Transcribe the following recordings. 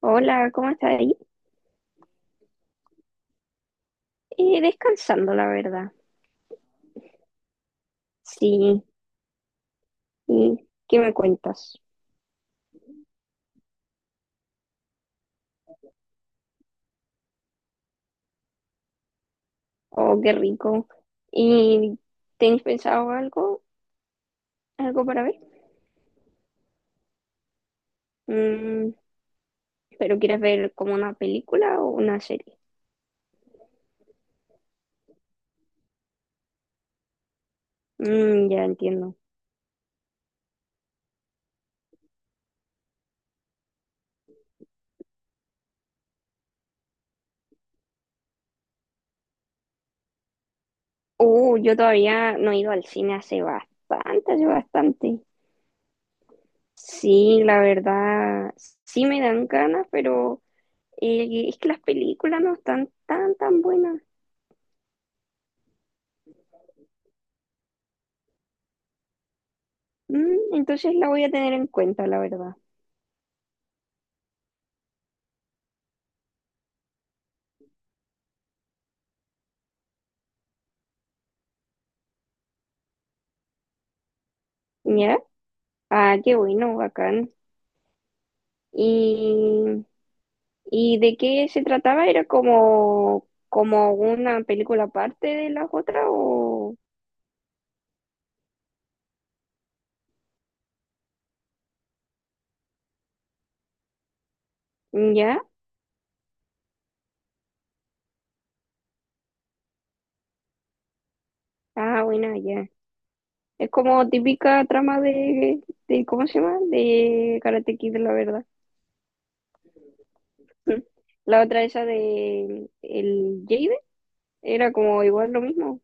Hola, ¿cómo estás ahí? Descansando, la verdad. Sí, ¿y qué me cuentas? Oh, qué rico. ¿Y tenéis pensado algo, algo para ver? Mm, ¿pero quieres ver como una película o una serie? Mm, ya entiendo. Yo todavía no he ido al cine hace bastante, hace bastante. Sí, la verdad, sí me dan ganas, pero es que las películas no están tan buenas. Mm, entonces la voy a tener en cuenta, la verdad. Ya, ah, qué bueno, bacán. ¿Y, y de qué se trataba? ¿Era como, como una película aparte de las otras o ya? Ah, bueno, ya. Es como típica trama de ¿cómo se llama? De Karate Kid, la verdad. Mm. La otra esa de el Jade era como igual lo mismo.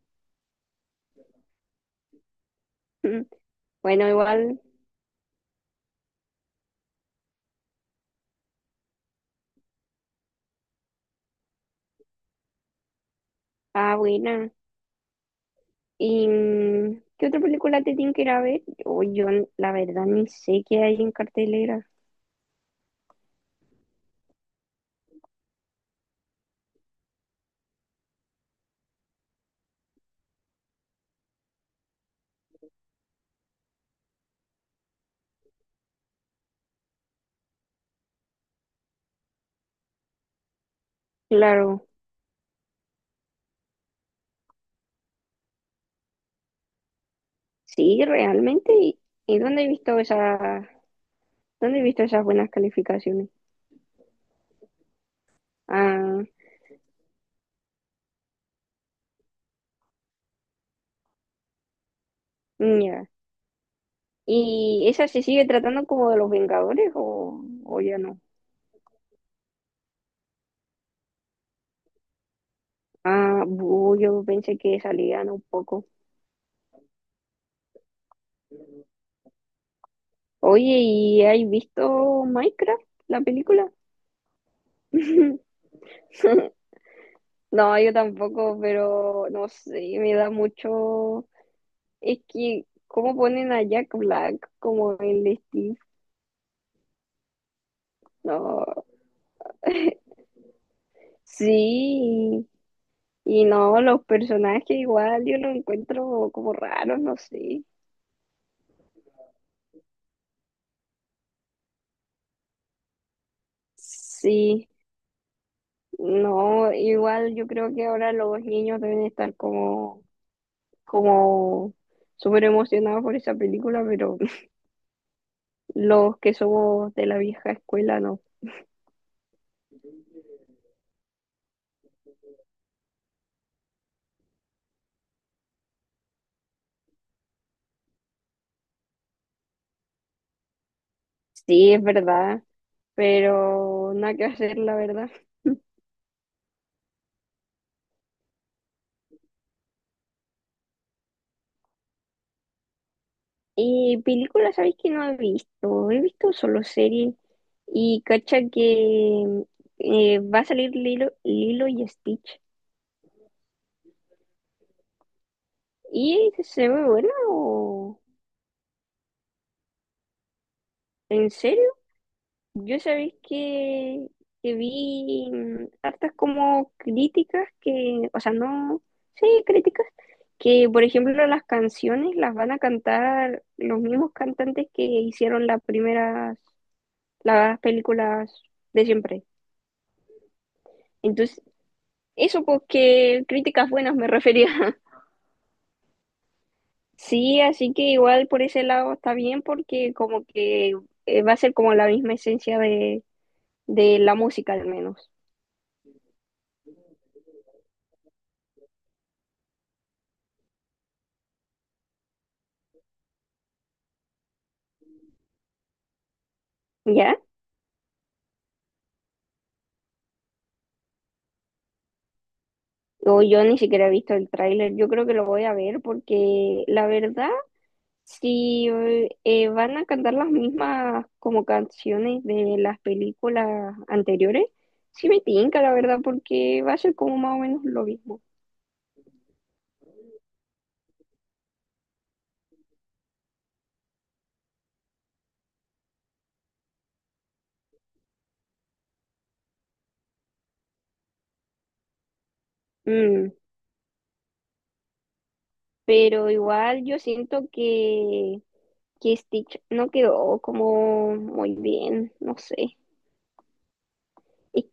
Mm. Bueno, igual. Ah, buena. ¿Y mm, qué otra película te tienen que ir a ver? Yo, la verdad ni sé qué hay en cartelera. Claro, sí, realmente. Y dónde he visto esa, dónde he visto esas buenas calificaciones? Ah, ya. ¿Y esa se sigue tratando como de los Vengadores o ya no? Ah, bu, yo pensé que salían un poco. Oye, ¿y has visto Minecraft, la película? No, yo tampoco, pero no sé, me da mucho. Es que, ¿cómo ponen a Jack Black como el Steve? No, sí, y no, los personajes igual yo los encuentro como raros, no sé. Sí, no, igual yo creo que ahora los niños deben estar como, como súper emocionados por esa película, pero los que somos de la vieja escuela no. Sí, es verdad, pero nada que hacer, la verdad. Y películas, ¿sabéis que no he visto? He visto solo series. Y cacha que va a salir Lilo, Lilo y Stitch. ¿Y se ve buena o en serio? Yo sabéis que vi mm, hartas como críticas que, o sea, no, sí, críticas, que por ejemplo las canciones las van a cantar los mismos cantantes que hicieron las primeras, las películas de siempre. Entonces, eso, pues que críticas buenas me refería. Sí, así que igual por ese lado está bien porque como que va a ser como la misma esencia de la música al menos, ¿ya? O yo ni siquiera he visto el tráiler, yo creo que lo voy a ver porque la verdad, si van a cantar las mismas como canciones de las películas anteriores, sí me tinca la verdad porque va a ser como más o menos lo mismo. Mm, pero igual yo siento que Stitch no quedó como muy bien, no sé. Es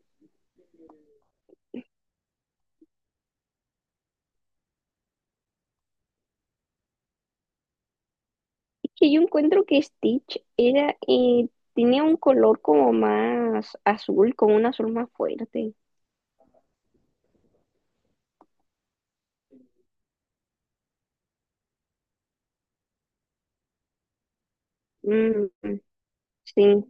es que yo encuentro que Stitch era, tenía un color como más azul, como un azul más fuerte. Mm, sí,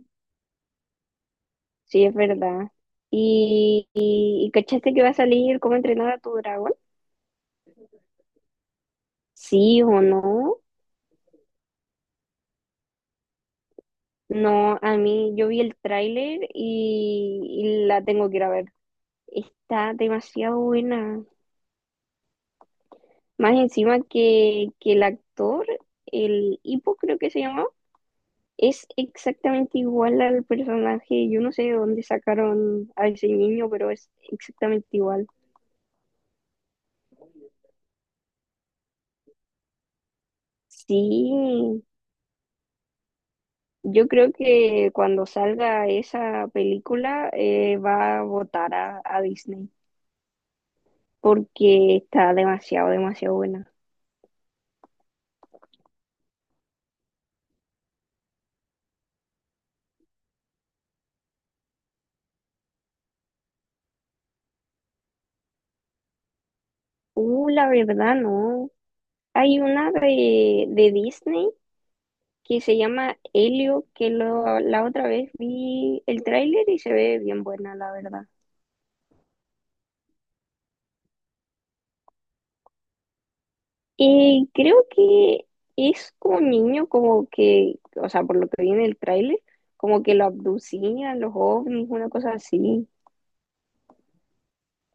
sí, es verdad. ¿Y, y cachaste que va a salir cómo entrenar a tu dragón? Sí o no. No, a mí yo vi el tráiler y la tengo que ir a ver. Está demasiado buena. Más encima que el actor, el Hippo creo que se llamaba, es exactamente igual al personaje. Yo no sé de dónde sacaron a ese niño, pero es exactamente igual. Sí, yo creo que cuando salga esa película va a votar a Disney porque está demasiado, demasiado buena. La verdad no. Hay una de Disney que se llama Helio, que lo, la otra vez vi el tráiler y se ve bien buena, la verdad. Y creo que es como un niño, como que, o sea, por lo que vi en el tráiler, como que lo abducían los ovnis, una cosa así.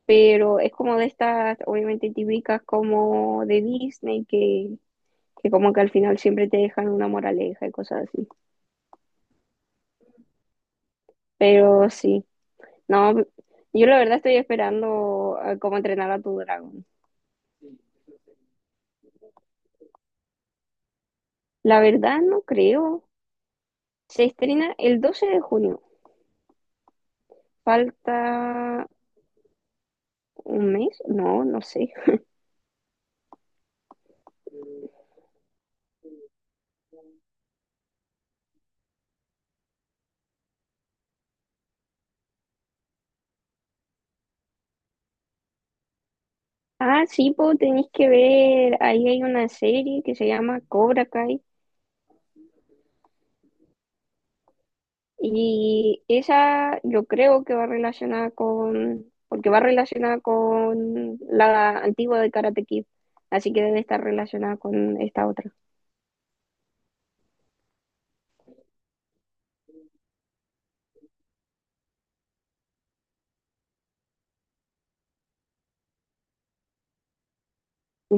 Pero es como de estas, obviamente típicas como de Disney, que como que al final siempre te dejan una moraleja y cosas así. Pero sí. No, yo la verdad estoy esperando a cómo entrenar a tu dragón. La verdad no creo. Se estrena el 12 de junio. Falta un mes, no, no sé. Ah, sí, pues tenéis que ver, ahí hay una serie que se llama Cobra Kai y esa yo creo que va relacionada con, porque va relacionada con la antigua de Karate Kid, así que debe estar relacionada con esta otra.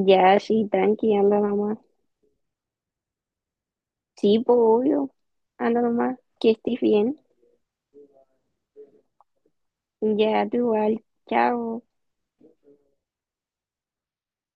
Ya, sí, tranqui, anda mamá. Sí, pues obvio. Anda nomás, que estés bien. Ya tú igual. Chao.